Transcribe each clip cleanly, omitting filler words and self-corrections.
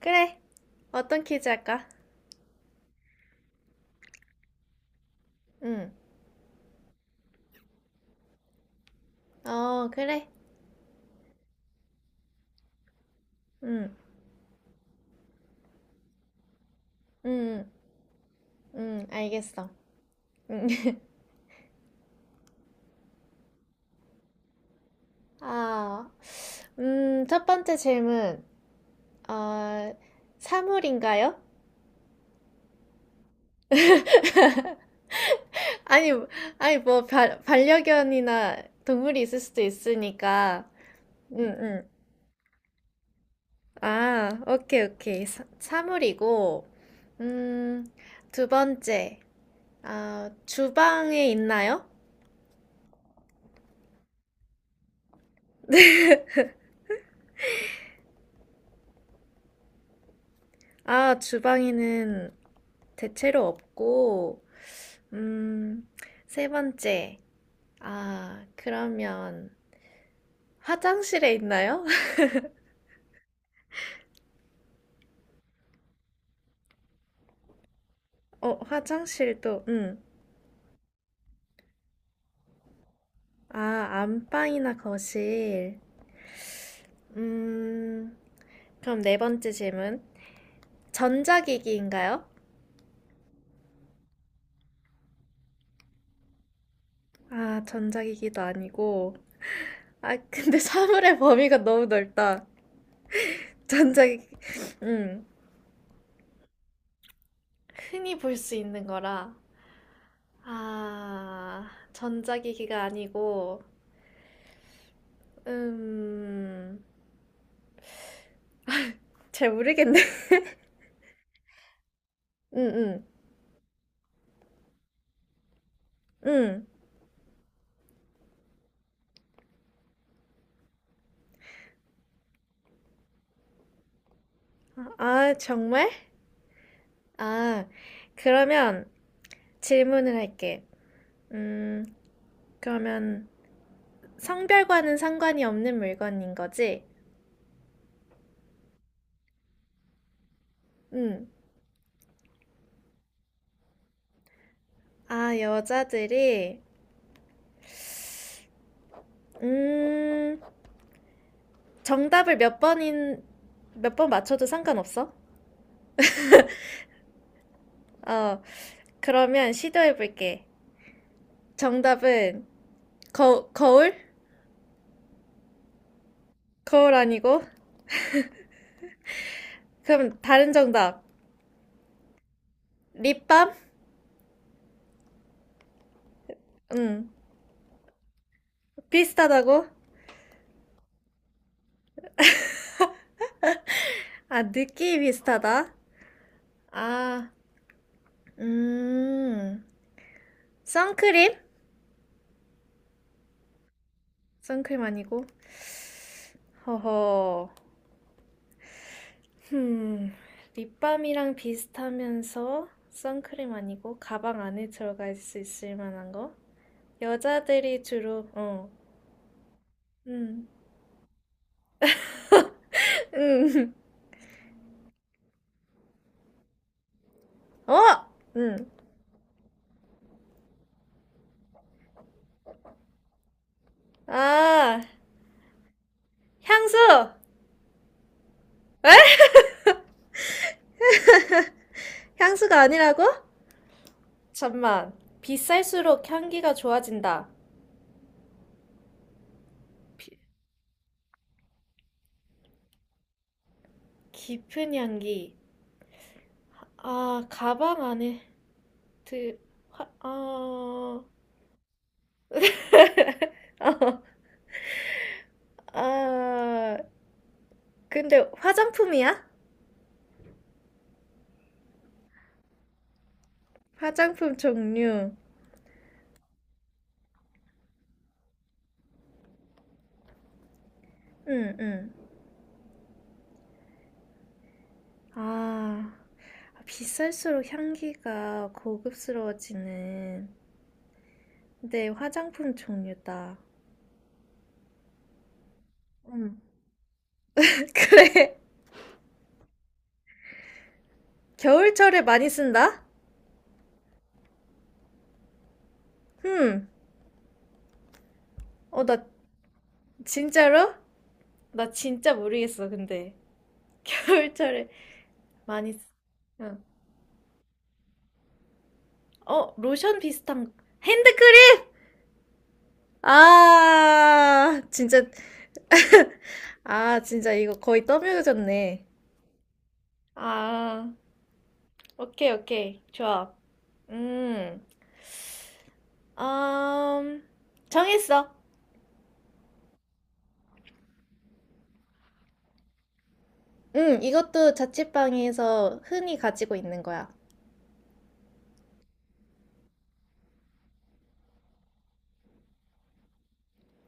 그래. 어떤 퀴즈 할까? 응. 어, 그래. 응. 응. 응. 응. 알겠어. 응. 아, 첫 번째 질문. 어, 사물인가요? 아니, 아니, 뭐, 반려견이나 동물이 있을 수도 있으니까. 응, 응. 아, 오케이, 오케이. 사물이고, 음, 두 번째. 아, 주방에 있나요? 아, 주방에는 대체로 없고, 음, 세 번째. 아, 그러면 화장실에 있나요? 어, 화장실도, 아, 안방이나 거실. 음, 그럼 네 번째 질문. 전자기기인가요? 아, 전자기기도 아니고. 아, 근데 사물의 범위가 너무 넓다. 전자기기, 음, 흔히 볼 수 있는 거라. 아, 전자기기가 아니고, 음, 잘 모르겠네. 응, 응, 응. 아, 정말? 아, 그러면 질문을 할게. 음, 그러면 성별과는 상관이 없는 물건인 거지? 응. 아, 여자들이, 음, 정답을 몇 번인, 몇 번 맞춰도 상관없어? 어, 그러면 시도해볼게. 정답은, 거울? 거울 아니고? 그럼 다른 정답. 립밤? 응. 비슷하다고? 아, 느낌이 비슷하다. 아, 음. 선크림? 선크림 아니고. 허허. 흠. 립밤이랑 비슷하면서 선크림 아니고 가방 안에 들어갈 수 있을 만한 거? 여자들이 주로, 어. 음. 음. 어! 음. 아, 향수! 향수가 아니라고? 잠만. 비쌀수록 향기가 좋아진다. 비- 깊은 향기. 아, 가방 안에 드, 아, 아, 근데 화장품이야? 화장품 종류. 응, 응. 아, 비쌀수록 향기가 고급스러워지는. 네, 화장품 종류다. 응. 그래. 겨울철에 많이 쓴다? 음. 어, 나 진짜로? 나 진짜 모르겠어, 근데. 겨울철에 많이 쓰. 응. 어, 로션 비슷한 핸드크림! 아, 진짜, 아, 진짜 이거 거의 떠밀어졌네. 아, 오케이, 오케이. 좋아. 음, 음, 정했어. 이것도 자취방에서 흔히 가지고 있는 거야.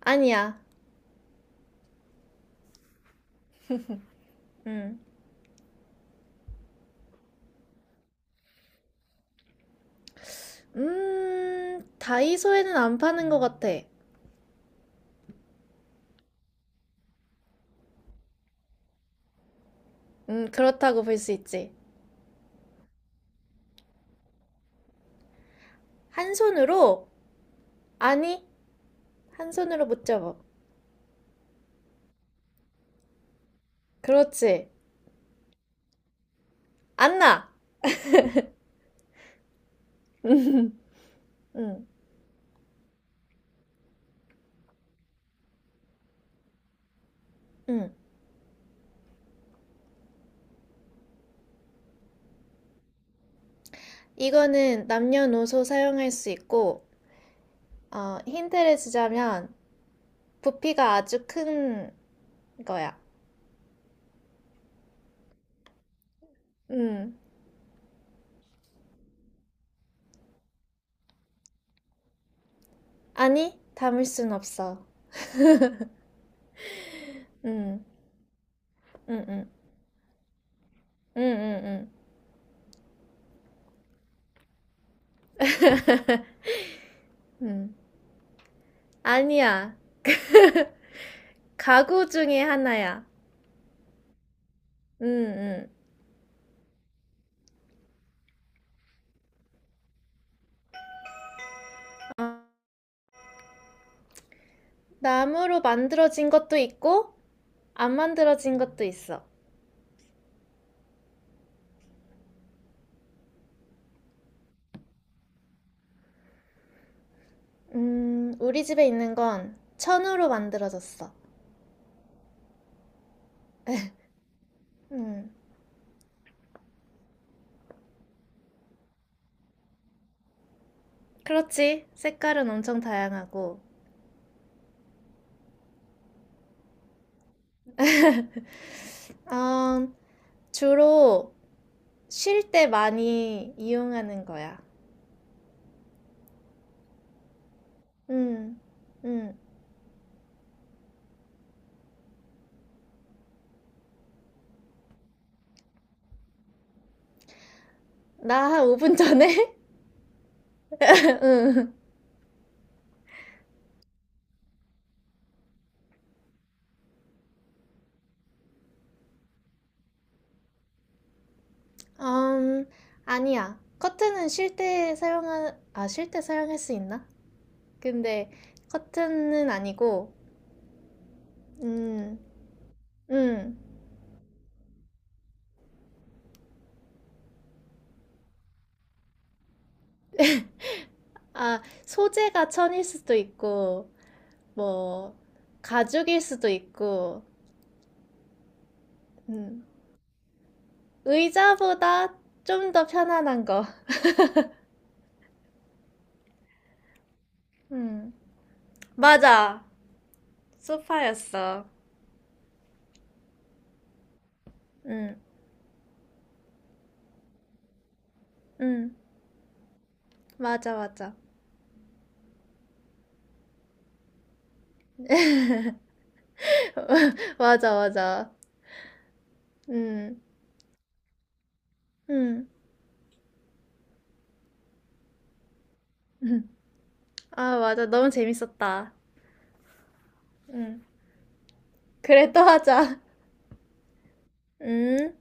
아니야. 음, 다이소에는 안 파는 것 같아. 그렇다고 볼 수 있지. 한 손으로, 아니, 한 손으로 못 잡아. 그렇지. 안 나. 응, 응. 이거는 남녀노소 사용할 수 있고, 어, 힌트를 주자면 부피가 아주 큰 거야. 음. 아니, 담을 순 없어. 음, 음, 음, 음, 음, 음. 음. 아니야. 가구 중에 하나야. 음, 음. 나무로 만들어진 것도 있고, 안 만들어진 것도 있어. 우리 집에 있는 건 천으로 만들어졌어. 음, 그렇지. 색깔은 엄청 다양하고. 어, 주로 쉴 때 많이 이용하는 거야. 음.. 음, 나한 5분 전에? 응. 음, 아니야. 커튼은 쉴 때 사용하, 아, 쉴 때 사용할 수 있나? 근데 커튼은 아니고, 음, 음. 아, 소재가 천일 수도 있고, 뭐, 가죽일 수도 있고, 음. 의자보다 좀 더 편안한 거. 음. 맞아. 소파였어. 응, 응, 맞아, 맞아. 맞아, 맞아. 응, 응. 응. 아, 맞아. 너무 재밌었다. 응. 그래, 또 하자. 응.